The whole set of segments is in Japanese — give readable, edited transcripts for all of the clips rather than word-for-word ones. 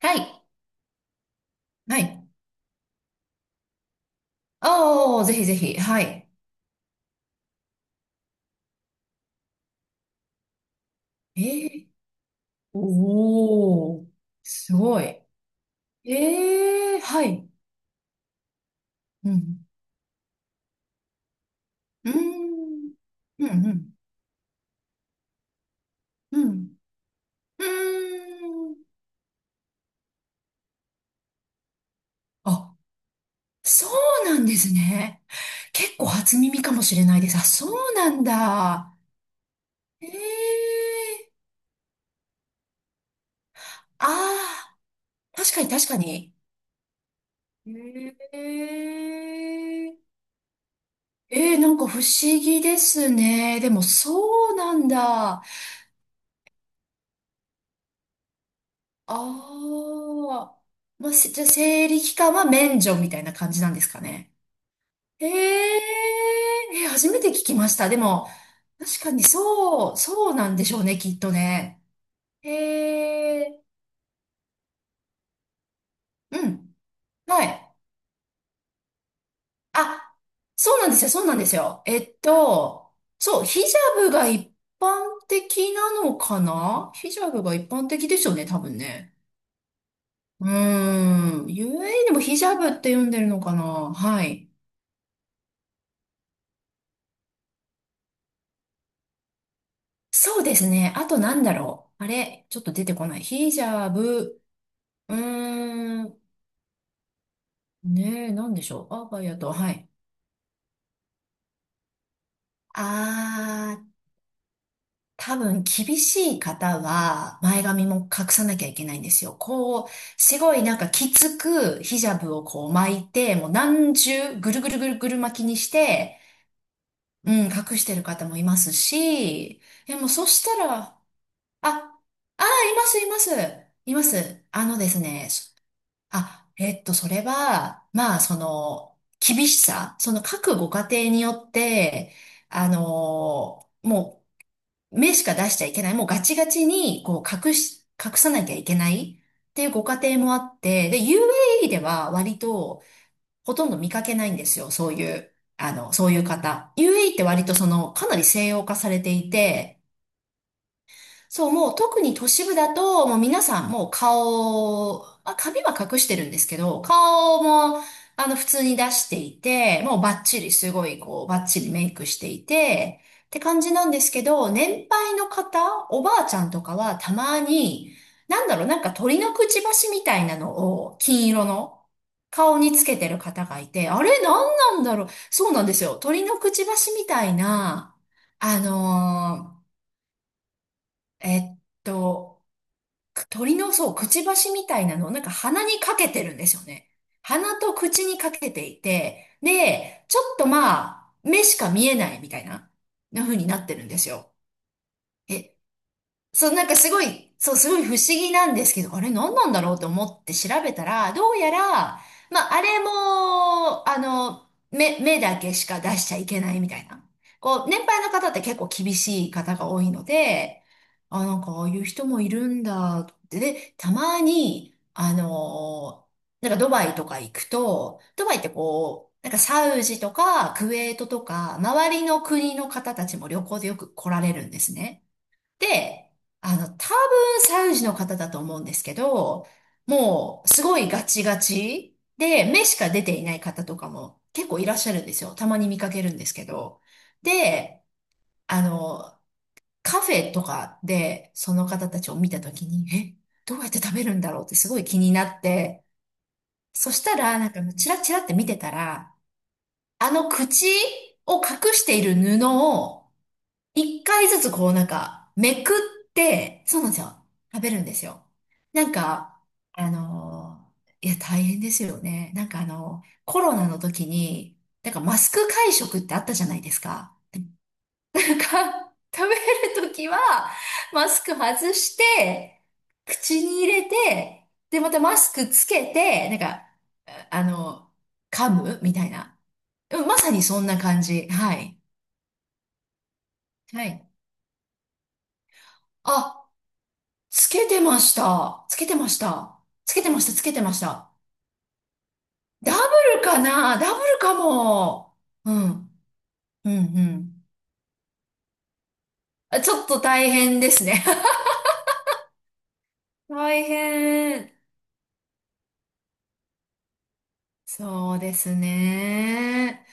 はい。はい。ああ、ぜひぜひ。はい。えー、おー、すごい。ええー、はい。うん。うーん。うん、うん。うん。うーん。あ、そうなんですね。結構初耳かもしれないです。あ、そうなんだ。ええー。ああ、確かに確かに。ええー。ええなんか不思議ですね。でもそうなんだ。ああ、まあ、しじゃあ生理期間は免除みたいな感じなんですかね。えええ、初めて聞きました。でも、確かにそう、そうなんでしょうね、きっとね。ええうん、はい。あ、そうなんですよ、そうなんですよ。そう、ヒジャブが一般的なのかな。ヒジャブが一般的でしょうね、多分ね。うーん、UAE でもヒジャブって呼んでるのかな。はい。そうですね。あとなんだろう。あれ、ちょっと出てこない。ヒジャブ、うーん、ねえ、なんでしょう。アバヤと、はい。あー、多分厳しい方は前髪も隠さなきゃいけないんですよ。こう、すごいなんかきつくヒジャブをこう巻いて、もう何重ぐるぐるぐるぐる巻きにして、うん、隠してる方もいますし、でもそしたら、あ、あー、います、います。います。あのですね、あ、それは、まあ、その、厳しさ、その各ご家庭によって、あの、もう、目しか出しちゃいけない、もうガチガチに、こう、隠さなきゃいけないっていうご家庭もあって、で、UAE では割と、ほとんど見かけないんですよ、そういう、あの、そういう方。UAE って割とその、かなり西洋化されていて、そう、もう特に都市部だと、もう皆さんもう顔、まあ、髪は隠してるんですけど、顔も、あの、普通に出していて、もうバッチリ、すごい、こう、バッチリメイクしていて、って感じなんですけど、年配の方、おばあちゃんとかはたまに、なんだろう、なんか鳥のくちばしみたいなのを、金色の、顔につけてる方がいて、あれ、なんなんだろう。そうなんですよ。鳥のくちばしみたいな、あのーえっと、鳥のそう、くちばしみたいなのをなんか鼻にかけてるんですよね。鼻と口にかけていて、で、ちょっとまあ、目しか見えないみたいな、な風になってるんですよ。え、そう、なんかすごい、そう、すごい不思議なんですけど、あれ何なんだろうと思って調べたら、どうやら、まあ、あれも、あの、目だけしか出しちゃいけないみたいな。こう、年配の方って結構厳しい方が多いので、あ、なんかああいう人もいるんだって。で、たまに、あの、なんかドバイとか行くと、ドバイってこう、なんかサウジとかクウェートとか、周りの国の方たちも旅行でよく来られるんですね。で、あの、多分サウジの方だと思うんですけど、もうすごいガチガチで、目しか出ていない方とかも結構いらっしゃるんですよ。たまに見かけるんですけど。で、あの、カフェとかでその方たちを見たときに、え、どうやって食べるんだろうってすごい気になって、そしたらなんかチラチラって見てたら、あの口を隠している布を一回ずつこうなんか、めくって、そうなんですよ。食べるんですよ。なんか、あのいや、大変ですよね。なんかあの、コロナの時に、なんかマスク会食ってあったじゃないですか。なんか、食べる時は、マスク外して、口に入れて、で、またマスクつけて、なんか、あの、噛むみたいな。うんまさにそんな感じ。はい。はい。あ、つけてました。つけてました。つけてました、つけてました。ダブルかなダブルかも。うん。うん、うん。あちょっと大変ですね。大変。そうですね。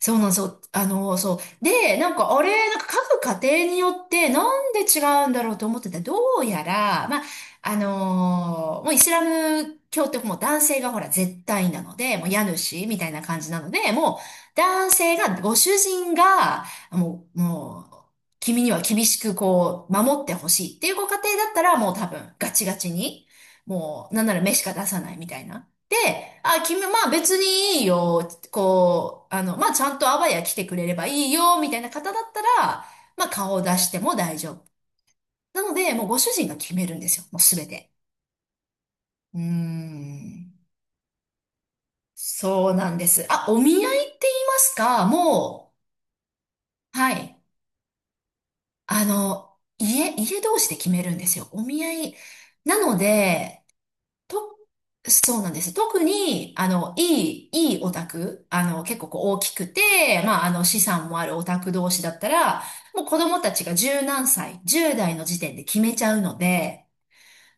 そうなんですよ。あの、そう。で、なんか、あれ、なんか各家庭によって、なんで違うんだろうと思ってた。どうやら、まあ、もうイスラム教ってもう男性がほら絶対なので、もう家主みたいな感じなので、もう男性が、ご主人が、もう、君には厳しくこう、守ってほしいっていうご家庭だったら、もう多分ガチガチに、もう、なんなら目しか出さないみたいな。で、あ、君、まあ別にいいよ、こう、あの、まあちゃんとあわや来てくれればいいよ、みたいな方だったら、まあ顔を出しても大丈夫。なので、もうご主人が決めるんですよ、もうすべて。うーん。そうなんです。あ、お見合いって言いますかもう、はい。あの、家同士で決めるんですよ。お見合い。なので、と、そうなんです。特に、あの、いいオタク、あの、結構こう大きくて、まあ、あの、資産もあるオタク同士だったら、もう子供たちが十何歳、10代の時点で決めちゃうので、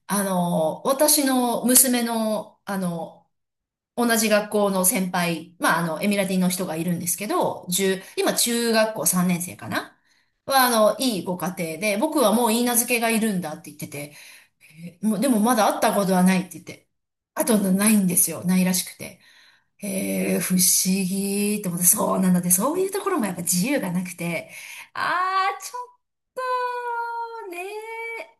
あの、私の娘の、あの、同じ学校の先輩、まあ、あの、エミラティの人がいるんですけど、1今中学校3年生かなは、あの、いいご家庭で、僕はもういいなずけがいるんだって言ってて、もう、でもまだ会ったことはないって言って。あとないんですよ。ないらしくて。へえ、不思議って思って、そうなので、そういうところもやっぱ自由がなくて、あー、ちょっとね、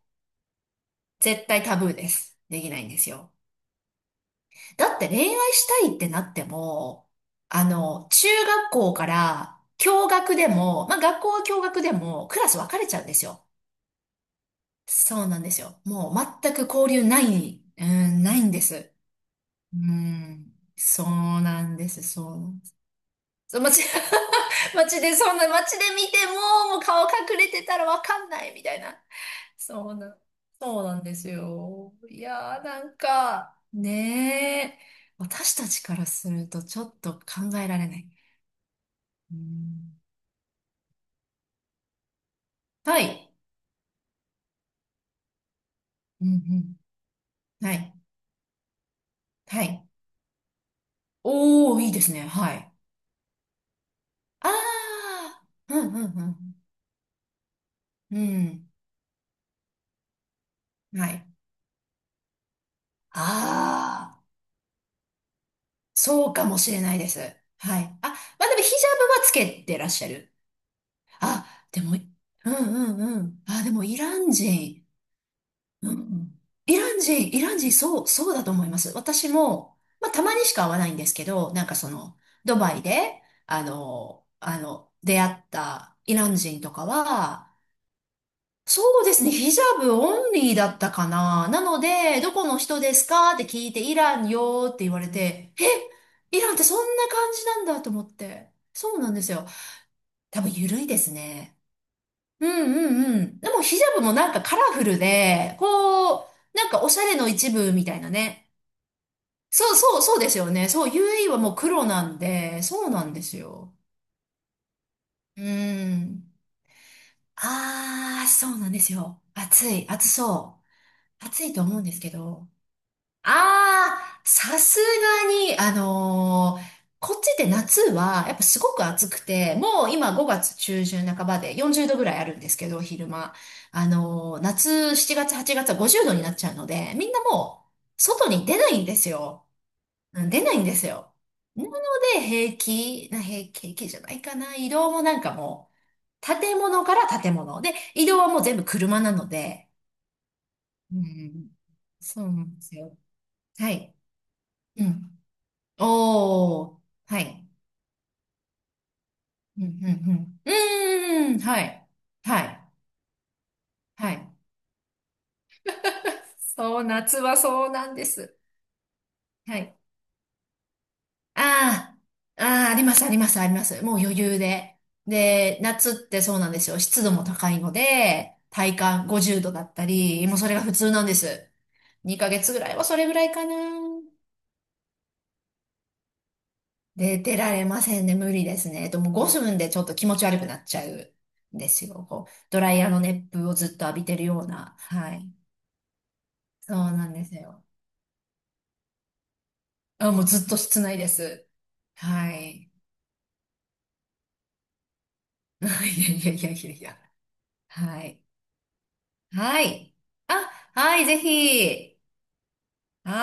絶対タブーです。できないんですよ。だって恋愛したいってなっても、あの、中学校から、共学でも、まあ学校は共学でも、クラス分かれちゃうんですよ。そうなんですよ。もう全く交流ない、うん、ないんです。うん、そうなんです。そう街、街で、そんな街で見ても、もう顔隠れてたらわかんないみたいな。そうなん、そうなんですよ。いやー、なんか、ねえ、私たちからするとちょっと考えられない。うん、はい。うんうん。はい。はい。おー、いいですね。はい。あー。うんうんうん。うん。はい。あー。そうかもしれないです。はい。あ、まあでもヒジャブはつけてらっしゃる。あ、でも、うんうんうん。あ、でもイラン人。うんうん。イラン人、イラン人、そう、そうだと思います。私も、まあたまにしか会わないんですけど、なんかその、ドバイで、あの、出会ったイラン人とかは、そうですね。ヒジャブオンリーだったかな。なので、どこの人ですかって聞いて、イランよーって言われて、え、イランってそんな感じなんだと思って。そうなんですよ。多分緩いですね。うんうんうん。でもヒジャブもなんかカラフルで、こう、なんかおしゃれの一部みたいなね。そうそうそうですよね。そう、u イーはもう黒なんで、そうなんですよ。うん。あー、そうなんですよ。暑い、暑そう。暑いと思うんですけど。ああ、さすがに、こっちで夏は、やっぱすごく暑くて、もう今5月中旬半ばで40度ぐらいあるんですけど、昼間。夏7月8月は50度になっちゃうので、みんなもう外に出ないんですよ。うん出ないんですよ。なので、平気じゃないかな。移動もなんかもう、建物から建物。で、移動はもう全部車なので、うん、そうなんですよ。はい。うんおー、はい。うん、うん、うん。うーん、はい。はい。はい。そう、夏はそうなんです。はい。ああ、ああ、あります、あります、あります。もう余裕で。で、夏ってそうなんですよ。湿度も高いので、体感50度だったり、もうそれが普通なんです。2ヶ月ぐらいはそれぐらいかな。で、出られませんね。無理ですね。もう5分でちょっと気持ち悪くなっちゃうんですよ。こう、ドライヤーの熱風をずっと浴びてるような。はい。そうなんですよ。あ、もうずっと室内です。はい。いやいやいやいやいや。はい。はい。あ、はい、ぜひ。はい。